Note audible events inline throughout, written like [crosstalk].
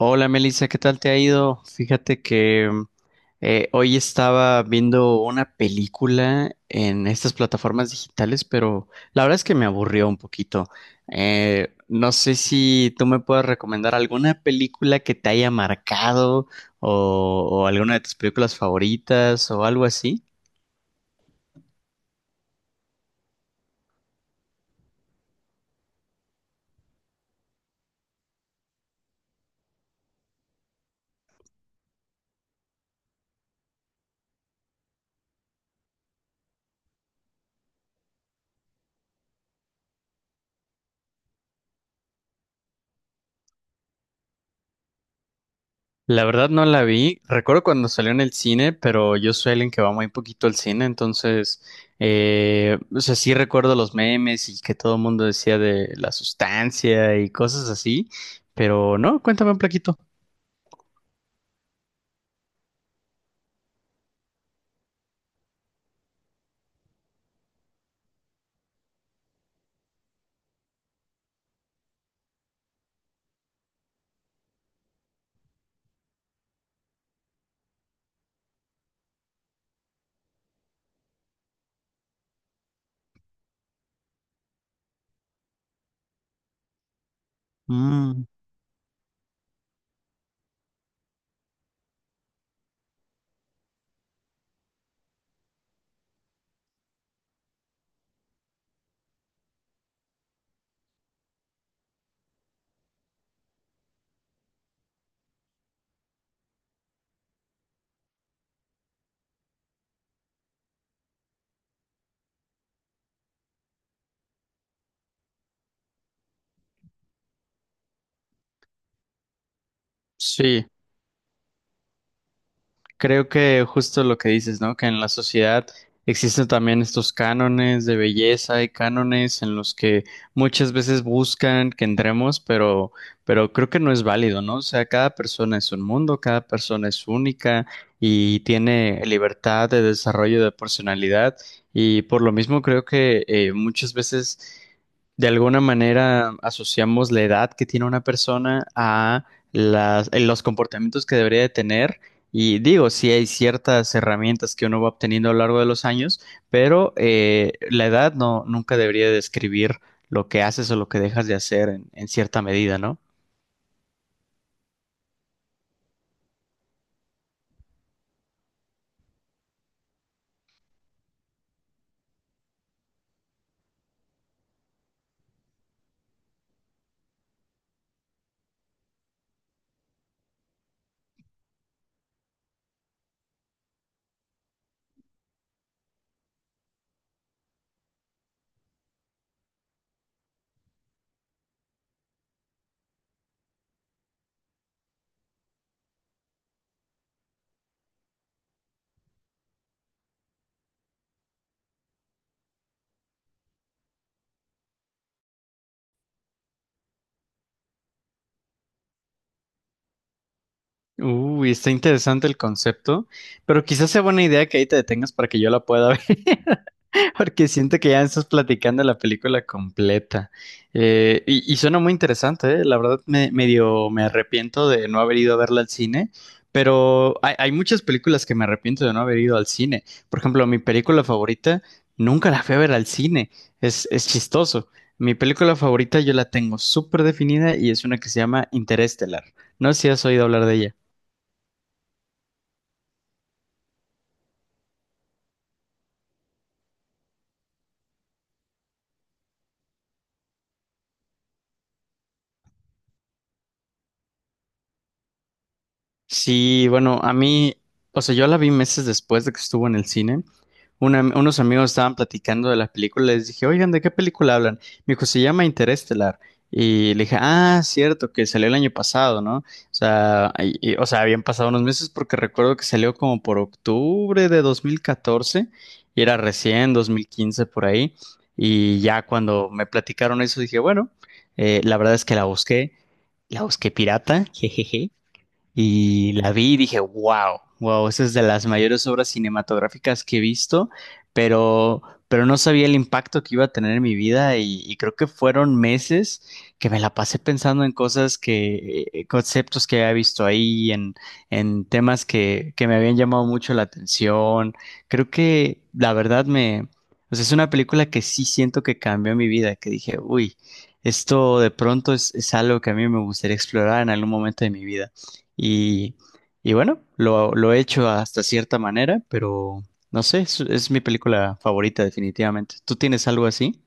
Hola Melissa, ¿qué tal te ha ido? Fíjate que hoy estaba viendo una película en estas plataformas digitales, pero la verdad es que me aburrió un poquito. No sé si tú me puedes recomendar alguna película que te haya marcado o alguna de tus películas favoritas o algo así. La verdad no la vi. Recuerdo cuando salió en el cine, pero yo soy alguien que va muy poquito al cine, entonces, o sea, sí recuerdo los memes y que todo el mundo decía de la sustancia y cosas así, pero no, cuéntame un plaquito. Mm, sí. Creo que justo lo que dices, ¿no? Que en la sociedad existen también estos cánones de belleza y cánones en los que muchas veces buscan que entremos, pero creo que no es válido, ¿no? O sea, cada persona es un mundo, cada persona es única y tiene libertad de desarrollo de personalidad y por lo mismo creo que muchas veces de alguna manera asociamos la edad que tiene una persona a los comportamientos que debería de tener y digo, sí hay ciertas herramientas que uno va obteniendo a lo largo de los años, pero la edad no, nunca debería describir lo que haces o lo que dejas de hacer en cierta medida, ¿no? Uy, está interesante el concepto, pero quizás sea buena idea que ahí te detengas para que yo la pueda [laughs] ver. [laughs] Porque siento que ya estás platicando la película completa. Y suena muy interesante, ¿eh? La verdad medio me arrepiento de no haber ido a verla al cine, pero hay muchas películas que me arrepiento de no haber ido al cine. Por ejemplo, mi película favorita nunca la fui a ver al cine. Es chistoso. Mi película favorita yo la tengo súper definida y es una que se llama Interestelar. No sé si has oído hablar de ella. Sí, bueno, a mí, o sea, yo la vi meses después de que estuvo en el cine. Unos amigos estaban platicando de la película, les dije, oigan, ¿de qué película hablan? Me dijo, se llama Interestelar. Y le dije, ah, cierto, que salió el año pasado, ¿no? O sea, o sea, habían pasado unos meses porque recuerdo que salió como por octubre de 2014 y era recién 2015 por ahí. Y ya cuando me platicaron eso, dije, bueno, la verdad es que la busqué pirata, [laughs] jejeje, y la vi y dije, wow, wow, esa es de las mayores obras cinematográficas que he visto, pero, pero no sabía el impacto que iba a tener en mi vida y creo que fueron meses que me la pasé pensando en conceptos que había visto ahí, en temas que me habían llamado mucho la atención. Creo que la verdad o sea, es una película que sí siento que cambió mi vida, que dije, uy, esto de pronto es algo que a mí me gustaría explorar en algún momento de mi vida. Y, y bueno, lo he hecho hasta cierta manera, pero no sé, es mi película favorita definitivamente. ¿Tú tienes algo así?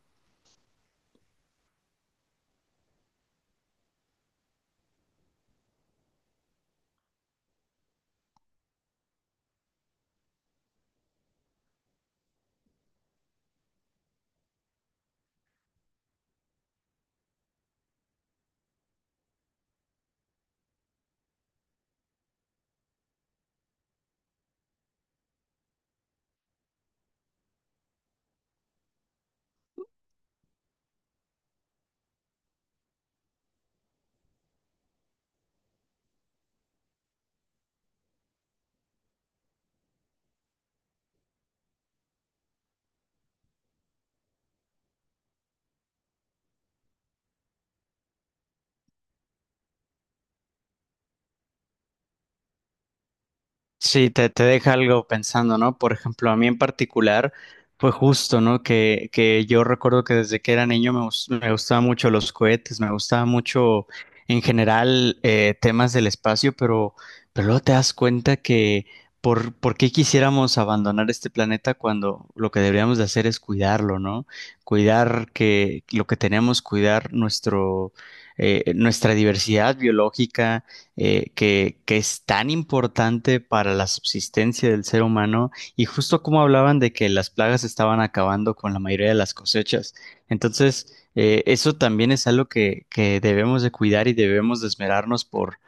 Sí, te deja algo pensando, ¿no? Por ejemplo, a mí en particular fue justo, ¿no? Que yo recuerdo que desde que era niño me gustaban mucho los cohetes, me gustaba mucho en general temas del espacio, pero luego te das cuenta que por qué quisiéramos abandonar este planeta cuando lo que deberíamos de hacer es cuidarlo, ¿no? Cuidar que lo que tenemos, nuestra diversidad biológica que es tan importante para la subsistencia del ser humano y justo como hablaban de que las plagas estaban acabando con la mayoría de las cosechas. Entonces, eso también es algo que debemos de cuidar y debemos de esmerarnos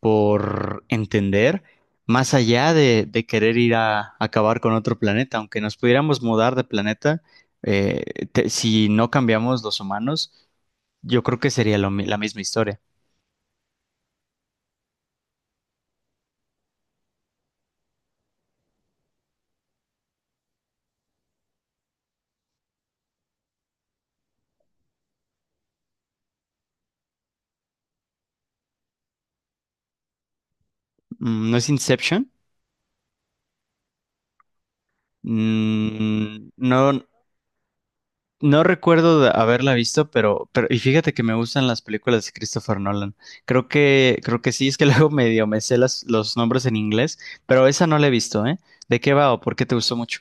por entender, más allá de querer acabar con otro planeta, aunque nos pudiéramos mudar de planeta, si no cambiamos los humanos, yo creo que sería la misma historia. Mm, ¿no es Inception? Mm, no, no recuerdo de haberla visto, pero, y fíjate que me gustan las películas de Christopher Nolan. Creo que sí, es que [laughs] luego medio me sé los nombres en inglés, pero esa no la he visto, ¿eh? ¿De qué va o por qué te gustó mucho?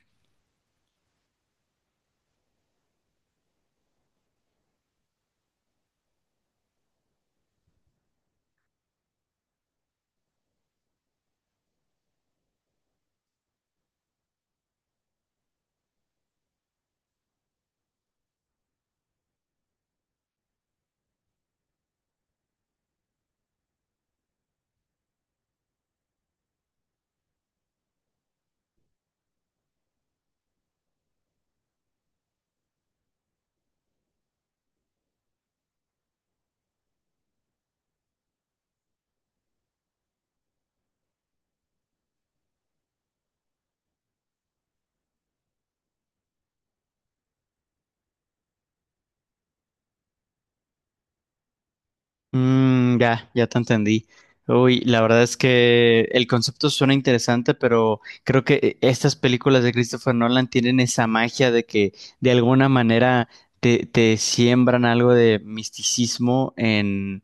Ya te entendí. Uy, la verdad es que el concepto suena interesante, pero creo que estas películas de Christopher Nolan tienen esa magia de que de alguna manera te siembran algo de misticismo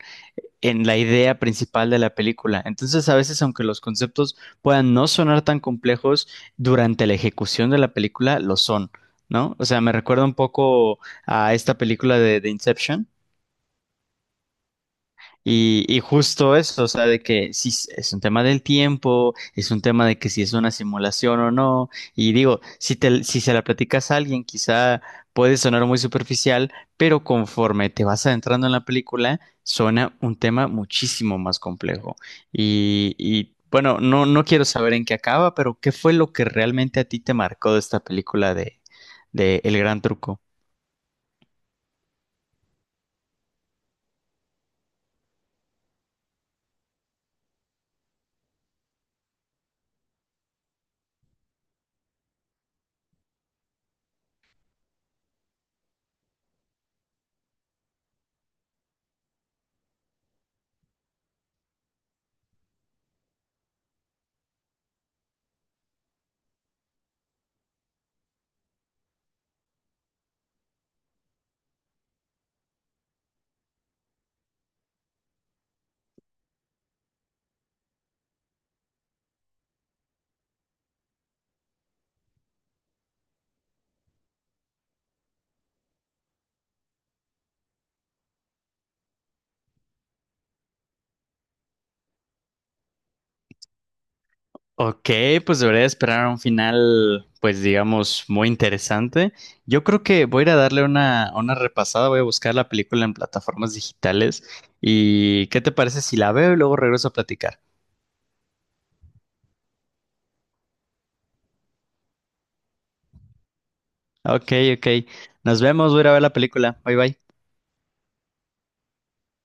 en la idea principal de la película. Entonces, a veces, aunque los conceptos puedan no sonar tan complejos, durante la ejecución de la película lo son, ¿no? O sea, me recuerda un poco a esta película de Inception y justo eso, o sea, de que si s- es un tema del tiempo, es un tema de que si es una simulación o no. Y digo, si se la platicas a alguien, quizá puede sonar muy superficial, pero conforme te vas adentrando en la película, suena un tema muchísimo más complejo. Y bueno, no, no quiero saber en qué acaba, pero ¿qué fue lo que realmente a ti te marcó de esta película de El Gran Truco? Ok, pues debería esperar un final, pues digamos, muy interesante. Yo creo que voy a ir a darle una repasada, voy a buscar la película en plataformas digitales. ¿Y qué te parece si la veo y luego regreso a platicar? Ok, ok. Nos vemos, voy a ir a ver la película. Bye bye.